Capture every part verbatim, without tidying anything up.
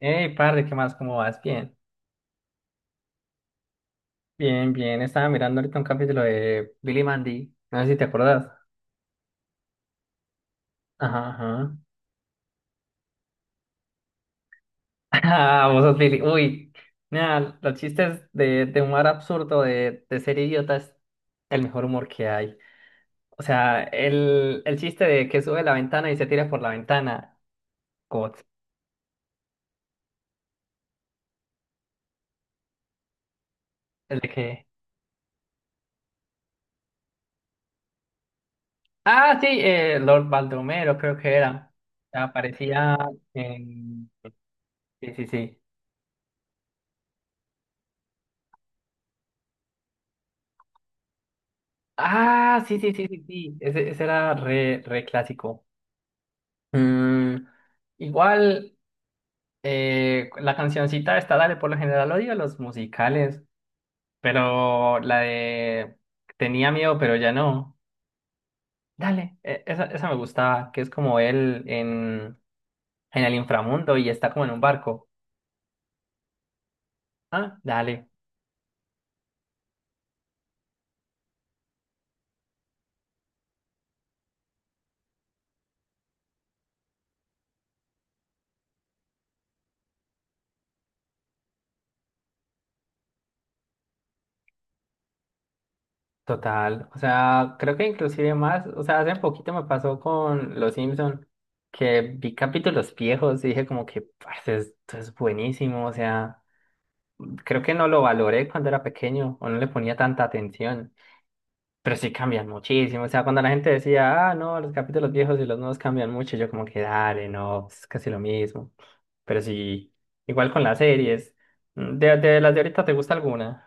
Hey, padre, ¿qué más? ¿Cómo vas? Bien, bien, bien. Estaba mirando ahorita un capítulo de Billy Mandy. No sé si te acordás. Ajá, ajá. Ah, vos sos Billy. Uy, mira, los chistes de, de humor absurdo, de, de ser idiota, es el mejor humor que hay. O sea, el, el chiste de que sube la ventana y se tira por la ventana. God. El de que. Ah, sí, eh, Lord Baldomero, creo que era. Aparecía en. Sí, sí, sí. Ah, sí, sí, sí, sí, sí. Ese, ese era re, re clásico. Mm, igual, eh, la cancioncita esta, dale, por lo general odio los musicales, pero la de tenía miedo, pero ya no. Dale, e- esa, esa me gustaba, que es como él en, en el inframundo y está como en un barco. Ah, dale. Total, o sea, creo que inclusive más, o sea, hace poquito me pasó con Los Simpson que vi capítulos viejos y dije como que, parce, esto es buenísimo, o sea, creo que no lo valoré cuando era pequeño o no le ponía tanta atención, pero sí cambian muchísimo, o sea, cuando la gente decía, ah, no, los capítulos viejos y los nuevos cambian mucho, yo como que, dale, no, es casi lo mismo, pero sí, igual con las series, de, de las de ahorita, ¿te gusta alguna?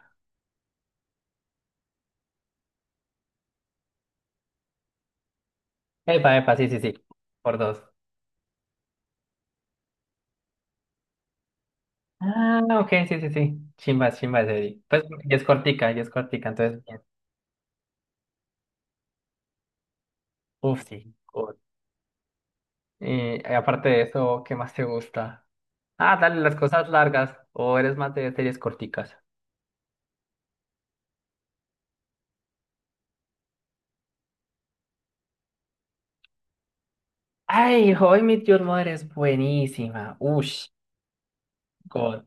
Epa, epa, sí, sí, sí, por dos. Ah, ok, sí, sí, sí. Chimba, chimba, serie. Pues y es cortica, y es cortica, entonces bien. Uf, sí. Good. Y eh, aparte de eso, ¿qué más te gusta? Ah, dale, las cosas largas. ¿O eres más de series corticas? Ay, How I Met Your Mother es buenísima. Ush, God,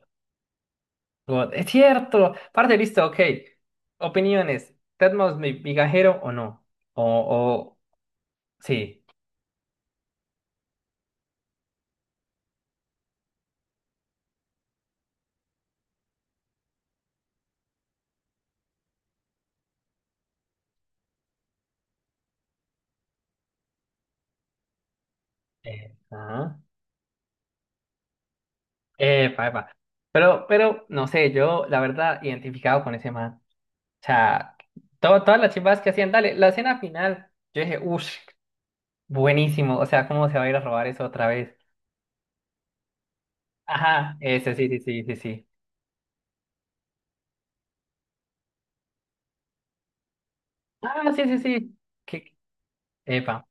God. Es cierto. Parte, listo, ok. Opiniones. ¿Ted Mosby, mi migajero o no? O, o, sí. Eh, ajá. Epa, epa. Pero, pero, no sé, yo, la verdad, identificado con ese man. O sea, todo- todas las chivas que hacían, dale, la escena final, yo dije, uff, buenísimo, o sea, ¿cómo se va a ir a robar eso otra vez? Ajá, ese sí, sí, sí, sí, sí. Ah, sí, sí, sí. Que, epa,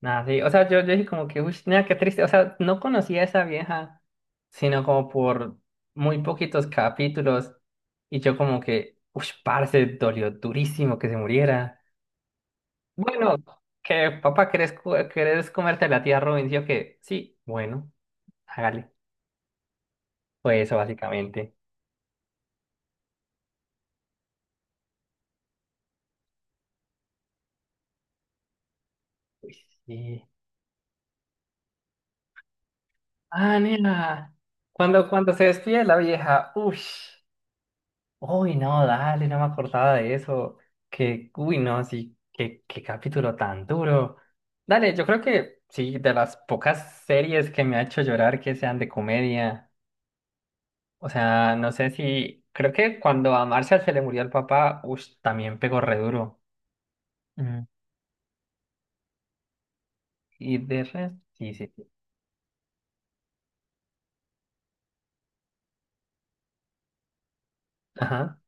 nada, sí, o sea, yo, yo dije como que, uff, nada, qué triste, o sea, no conocía a esa vieja, sino como por muy poquitos capítulos, y yo como que, uff, parce, dolió durísimo que se muriera. Bueno, que papá, ¿querés, cu- ¿querés comerte a la tía Robin? Sí, ¿o qué? Sí, bueno, hágale. Fue eso básicamente. Uy, sí. Ah, nena. Cuando, cuando se despide la vieja, uy, uy, no, dale, no me acordaba de eso. Que, uy, no, sí, qué, qué capítulo tan duro. Dale, yo creo que sí, de las pocas series que me ha hecho llorar que sean de comedia. O sea, no sé si, creo que cuando a Marcia se le murió el papá, uy, también pegó re duro. Mm, y de resto, sí, sí, sí. Ajá.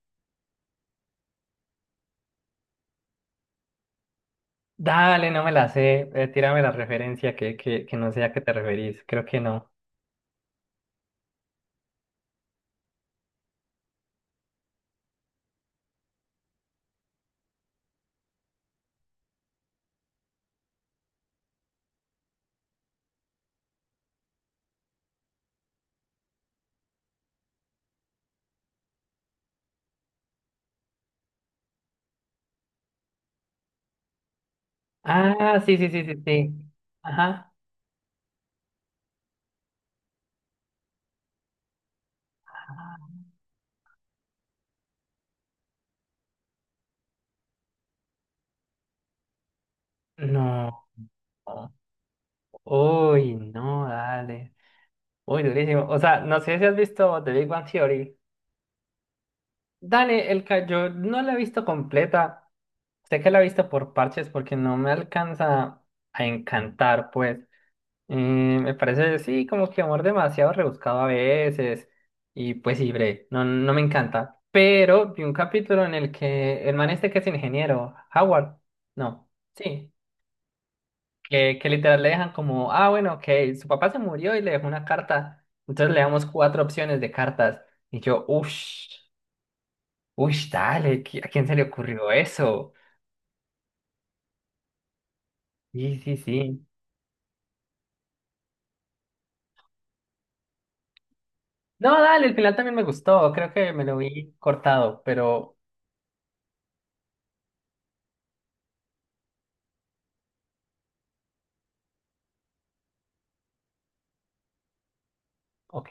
Dale, no me la sé. Eh, tírame la referencia que, que, que no sé a qué te referís. Creo que no. Ah, sí, sí, sí, sí, sí. Ajá. Ah, no. Uy, no, dale. Uy, durísimo. O sea, no sé si has visto The Big Bang Theory. Dale, el ca- yo no la he visto completa. Sé que la he visto por parches porque no me alcanza a encantar, pues. Y me parece, sí, como que amor demasiado rebuscado a veces. Y pues sí, bre, no, no me encanta. Pero vi un capítulo en el que el man este que es ingeniero, Howard, no, sí, que, que literal le dejan como, ah, bueno, ok, su papá se murió y le dejó una carta. Entonces le damos cuatro opciones de cartas. Y yo, uff, uff, dale, ¿qui- ¿a quién se le ocurrió eso? Sí, sí, sí. No, dale, el final también me gustó. Creo que me lo vi cortado, pero ok.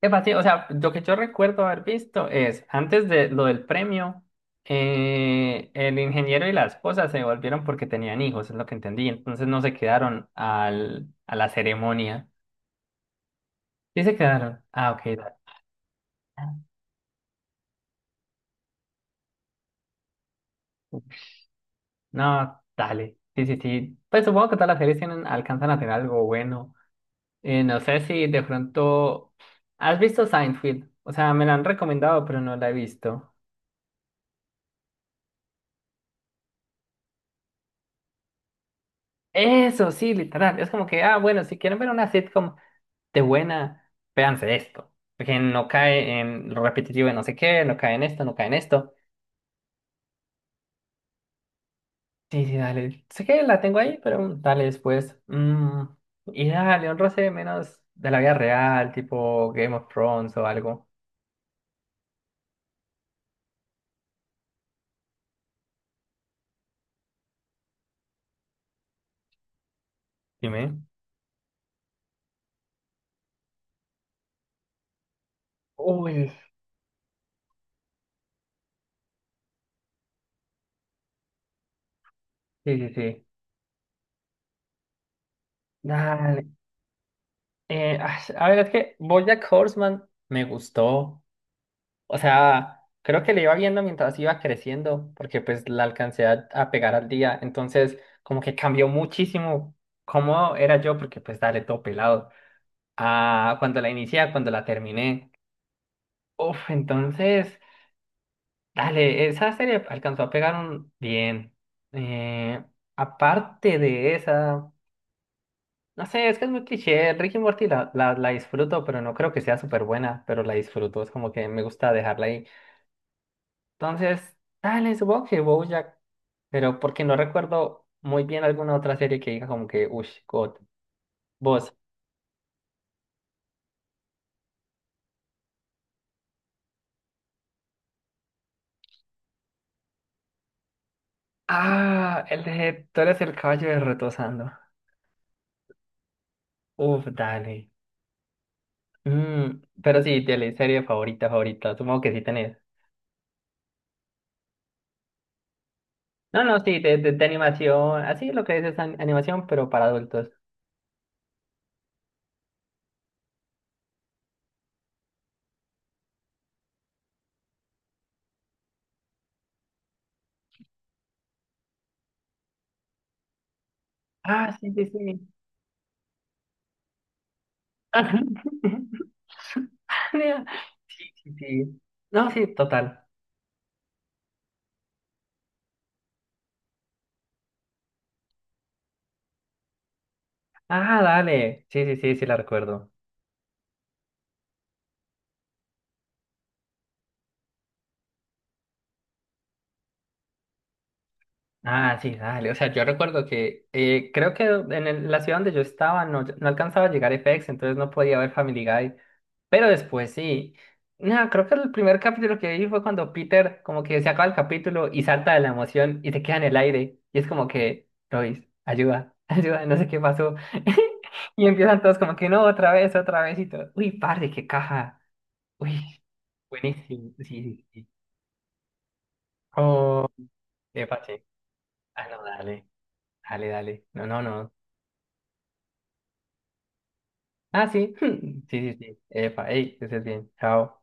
Es sí, o sea, lo que yo recuerdo haber visto es, antes de lo del premio, eh, el ingeniero y la esposa se devolvieron porque tenían hijos, es lo que entendí. Entonces no se quedaron al, a la ceremonia. Sí se quedaron. Ah, ok, da-. No, dale. Sí, sí, sí. Pues supongo que todas las series tienen, alcanzan a tener algo bueno. Eh, no sé si de pronto... ¿Has visto Seinfeld? O sea, me la han recomendado, pero no la he visto. Eso, sí, literal. Es como que, ah, bueno, si quieren ver una sitcom... de buena, véanse esto. Porque no cae en lo repetitivo de no sé qué, no cae en esto, no cae en esto. Sí, sí, dale. Sé que la tengo ahí, pero mm, dale después. Mm, y dale, un roce menos de la vida real, tipo Game of Thrones o algo. Dime. Uy, sí, sí, sí. Dale. Eh, ah, a ver, es que BoJack Horseman me gustó. O sea, creo que le iba viendo mientras iba creciendo, porque pues la alcancé a, a pegar al día. Entonces, como que cambió muchísimo cómo era yo, porque pues dale todo pelado. A cuando la inicié, a cuando la terminé. Uf, entonces, dale, esa serie alcanzó a pegar un bien. Eh, aparte de esa, no sé, es que es muy cliché. Rick y Morty la, la, la disfruto, pero no creo que sea súper buena, pero la disfruto. Es como que me gusta dejarla ahí. Entonces, dale, supongo que BoJack, pero porque no recuerdo muy bien alguna otra serie que diga como que, uff, God, vos. Ah, el de Tú eres el caballo de retosando. Uf, dale. Mm, pero sí, de serie favorita, favorita, supongo que sí tenés. No, no, sí, de, de, de animación, así lo que dices, an- animación, pero para adultos. Ah, sí, sí, sí. Sí, sí. No, sí, total. Ah, dale. Sí, sí, sí, sí la recuerdo. Ah, sí, dale. O sea, yo recuerdo que eh, creo que en el- la ciudad donde yo estaba no, no alcanzaba a llegar F X, entonces no podía ver Family Guy. Pero después sí. No, creo que el primer capítulo que vi fue cuando Peter como que se acaba el capítulo y salta de la emoción y se queda en el aire. Y es como que, Lois, ayuda, ayuda, no sé qué pasó. Y empiezan todos como que no, otra vez, otra vez y todo. Uy, padre, qué caja. Uy, buenísimo. Sí, sí, sí. Oh, epa, sí. Ah, no, dale. Dale, dale. No, no, no. Ah, sí. Sí, sí, sí. Epa, hey, que estés bien. Chao.